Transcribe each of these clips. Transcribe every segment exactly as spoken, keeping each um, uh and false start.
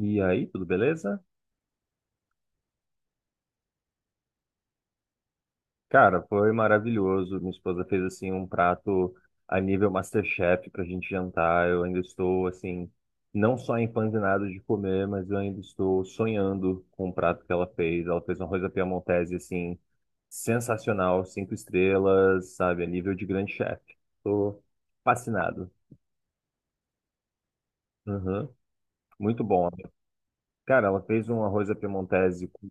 E aí, tudo beleza? Cara, foi maravilhoso. Minha esposa fez assim um prato a nível MasterChef pra gente jantar. Eu ainda estou assim, não só empanzinado de comer, mas eu ainda estou sonhando com o prato que ela fez. Ela fez uma coisa piemontese assim sensacional, cinco estrelas, sabe, a nível de grande chefe. Tô fascinado. Uhum. Muito bom. Cara, ela fez um arroz à piemontese com...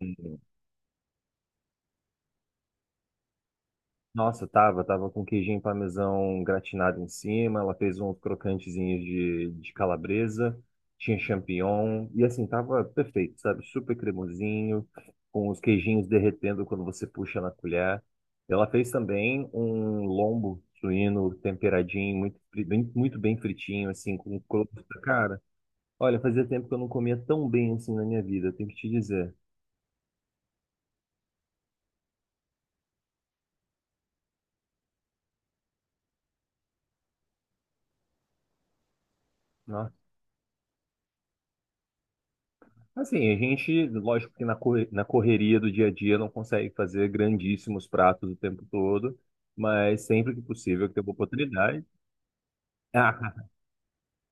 Nossa, tava, tava com queijinho parmesão gratinado em cima, ela fez uns crocantezinhos de, de calabresa, tinha champignon, e assim, tava perfeito, sabe? Super cremosinho, com os queijinhos derretendo quando você puxa na colher. Ela fez também um lombo suíno temperadinho, muito, fri- bem- muito bem fritinho, assim, com crosta. Cara, olha, fazia tempo que eu não comia tão bem assim na minha vida, tenho que te dizer. Assim, a gente, lógico que na corre- na correria do dia a dia não consegue fazer grandíssimos pratos o tempo todo, mas sempre que possível que tem uma oportunidade.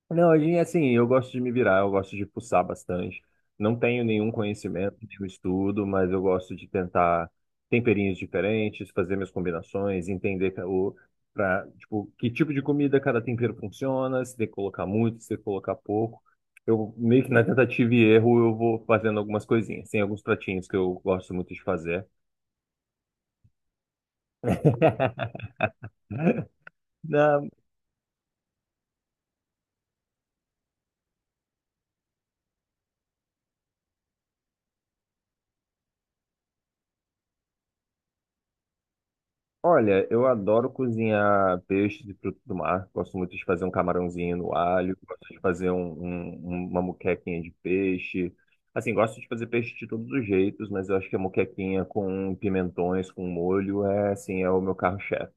Não, e assim, eu gosto de me virar, eu gosto de fuçar bastante. Não tenho nenhum conhecimento, nenhum estudo, mas eu gosto de tentar temperinhos diferentes, fazer minhas combinações, entender ca- o, pra, tipo, que tipo de comida cada tempero funciona, se tem que colocar muito, se tem que colocar pouco. Eu meio que na tentativa e erro eu vou fazendo algumas coisinhas. Tem alguns pratinhos que eu gosto muito de fazer. Não, olha, eu adoro cozinhar peixes e frutos do mar. Gosto muito de fazer um camarãozinho no alho, gosto de fazer um- um- um, uma moquequinha de peixe. Assim, gosto de fazer peixe de todos os jeitos, mas eu acho que a moquequinha com pimentões, com molho, é assim, é o meu carro-chefe.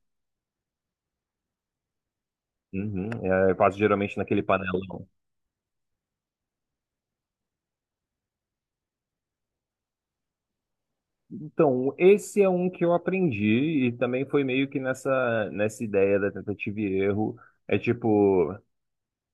Uhum, é, eu faço geralmente naquele panelão. Então, esse é um que eu aprendi e também foi meio que nessa, nessa ideia da tentativa e erro. É tipo,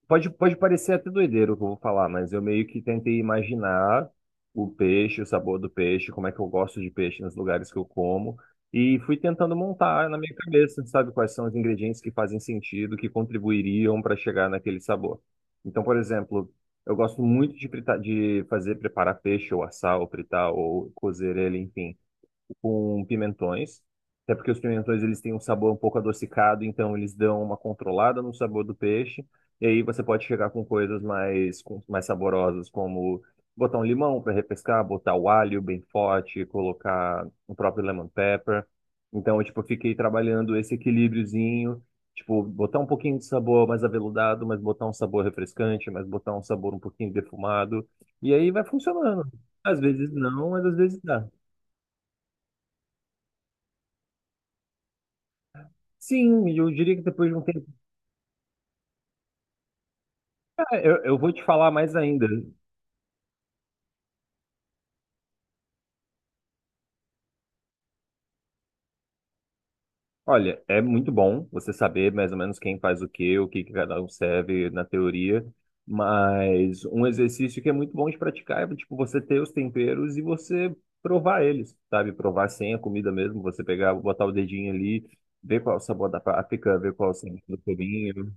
pode, pode parecer até doideiro o que eu vou falar, mas eu meio que tentei imaginar o peixe, o sabor do peixe, como é que eu gosto de peixe nos lugares que eu como, e fui tentando montar na minha cabeça, sabe, quais são os ingredientes que fazem sentido, que contribuiriam para chegar naquele sabor. Então, por exemplo, eu gosto muito de fritar, de fazer, preparar peixe, ou assar, ou fritar, ou cozer ele, enfim, com pimentões, até porque os pimentões eles têm um sabor um pouco adocicado, então eles dão uma controlada no sabor do peixe. E aí você pode chegar com coisas mais, com- mais saborosas, como botar um limão para repescar, botar o alho bem forte, colocar o próprio lemon pepper. Então, eu, tipo, fiquei trabalhando esse equilíbriozinho, tipo, botar um pouquinho de sabor mais aveludado, mas botar um sabor refrescante, mas botar um sabor um pouquinho defumado. E aí vai funcionando. Às vezes não, mas às vezes dá. Sim, eu diria que depois de um tempo. Ah, eu, eu vou te falar mais ainda. Olha, é muito bom você saber mais ou menos quem faz o quê, o que que cada um serve na teoria, mas um exercício que é muito bom de praticar é tipo você ter os temperos e você provar eles, sabe? Provar sem a comida mesmo, você pegar, botar o dedinho ali, ver qual é o sabor da páprica, ver qual é o sabor do cominho.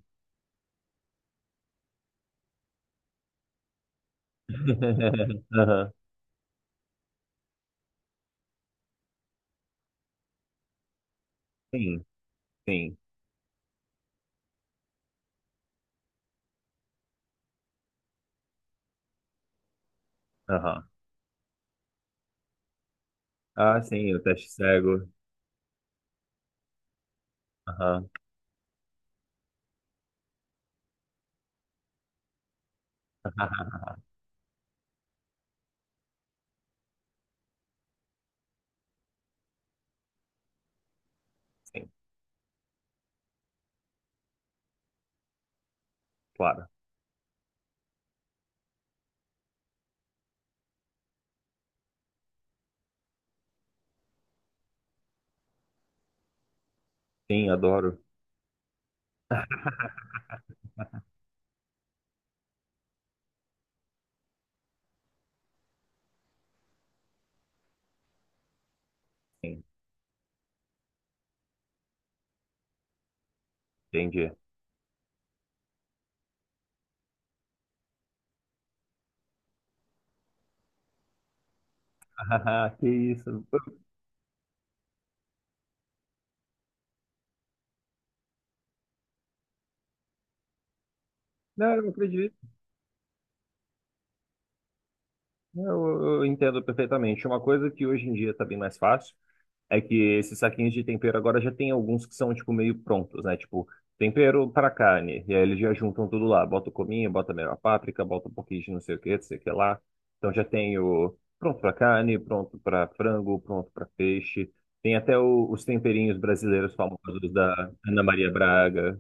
Aham, sim, sim. Aham. Ah, sim, o teste cego. Aham. Sim, claro. Sim, adoro. Sim, entendi. Que isso. Não, eu não acredito. Eu, eu entendo perfeitamente. Uma coisa que hoje em dia tá bem mais fácil é que esses saquinhos de tempero agora já tem alguns que são, tipo, meio prontos, né? Tipo, tempero para carne. E aí eles já juntam tudo lá. Bota o cominho, bota meio a páprica, bota um pouquinho de não sei o que, não sei o que lá. Então já tem o pronto para carne, pronto para frango, pronto para peixe. Tem até o- os temperinhos brasileiros famosos da Ana Maria Braga.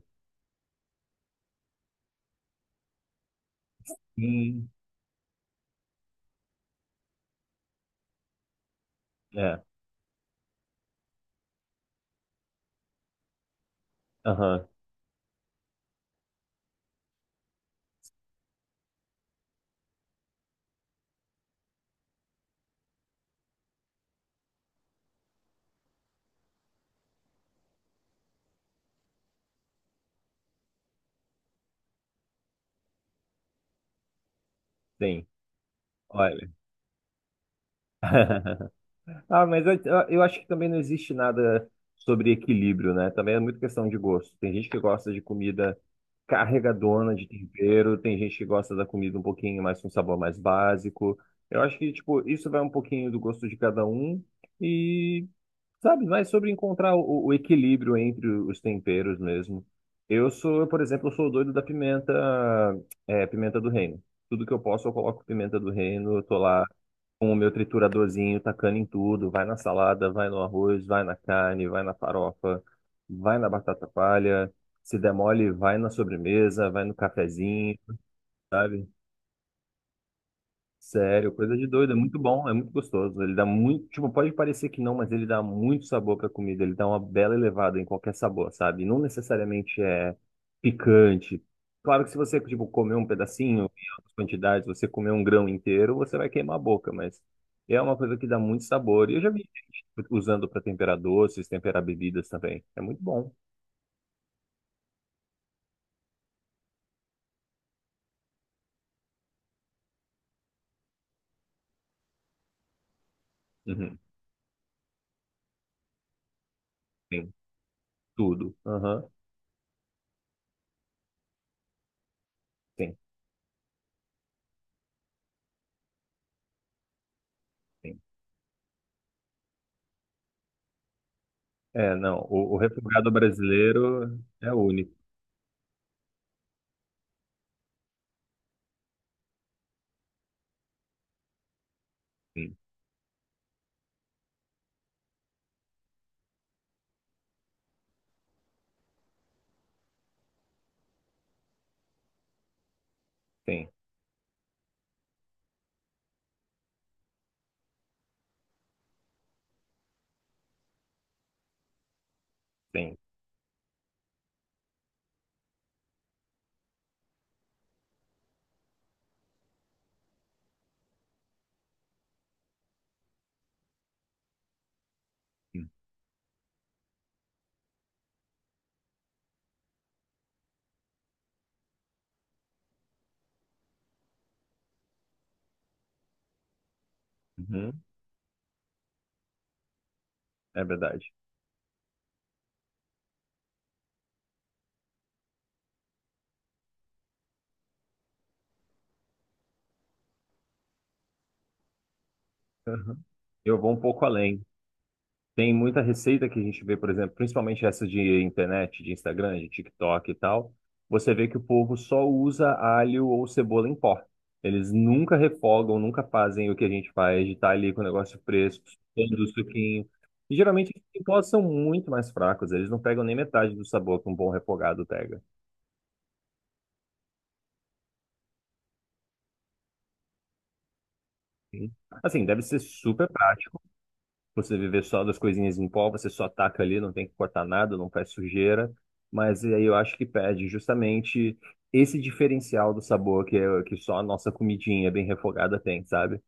Sim, é. Aham. Sim, olha. Ah, mas eu, eu acho que também não existe nada sobre equilíbrio, né? Também é muito questão de gosto. Tem gente que gosta de comida carregadona de tempero, tem gente que gosta da comida um pouquinho mais com sabor mais básico. Eu acho que, tipo, isso vai um pouquinho do gosto de cada um e, sabe, mais sobre encontrar o, o equilíbrio entre os temperos mesmo. Eu sou, por exemplo, eu sou o doido da pimenta, é, pimenta do reino. Tudo que eu posso, eu coloco pimenta do reino, eu tô lá com o meu trituradorzinho, tacando em tudo, vai na salada, vai no arroz, vai na carne, vai na farofa, vai na batata palha, se der mole, vai na sobremesa, vai no cafezinho, sabe? Sério, coisa de doido, é muito bom, é muito gostoso. Ele dá muito, tipo, pode parecer que não, mas ele dá muito sabor pra comida, ele dá uma bela elevada em qualquer sabor, sabe? Não necessariamente é picante. Claro que se você, tipo, comer um pedacinho em altas quantidades, você comer um grão inteiro, você vai queimar a boca, mas é uma coisa que dá muito sabor. E eu já vi gente usando pra temperar doces, temperar bebidas também. É muito bom. Uhum. Tem tudo. Aham. Tem, tem. É, não, o, o refogado brasileiro é único. Sim, tem. Tem. Uhum, é verdade. Uhum. Eu vou um pouco além. Tem muita receita que a gente vê, por exemplo, principalmente essa de internet, de Instagram, de TikTok e tal. Você vê que o povo só usa alho ou cebola em pó. Eles nunca refogam, nunca fazem o que a gente faz, de estar ali com o negócio fresco, todo o suquinho. E geralmente os pós são muito mais fracos, eles não pegam nem metade do sabor que um bom refogado pega. Sim. Assim, deve ser super prático, você viver só das coisinhas em pó, você só ataca ali, não tem que cortar nada, não faz sujeira. Mas aí eu acho que pede justamente esse diferencial do sabor que, é- que só a nossa comidinha bem refogada tem, sabe?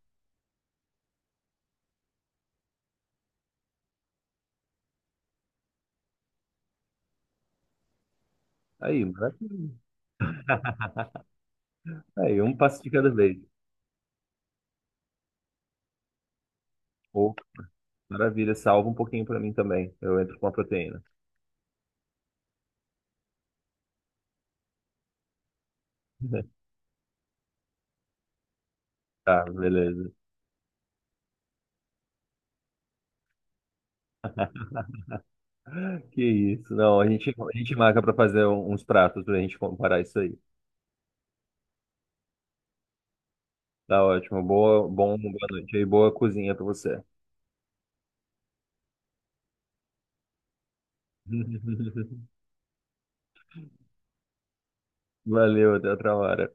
Aí, maravilha. Aí, um passo de cada vez. Ou, maravilha, salva um pouquinho pra mim também. Eu entro com a proteína. Tá, beleza. Que isso. Não, a gente, a gente marca pra fazer um- uns pratos pra gente comparar isso aí. Tá ótimo. Boa, bom, boa noite aí. Boa cozinha pra você. Valeu, até outra hora.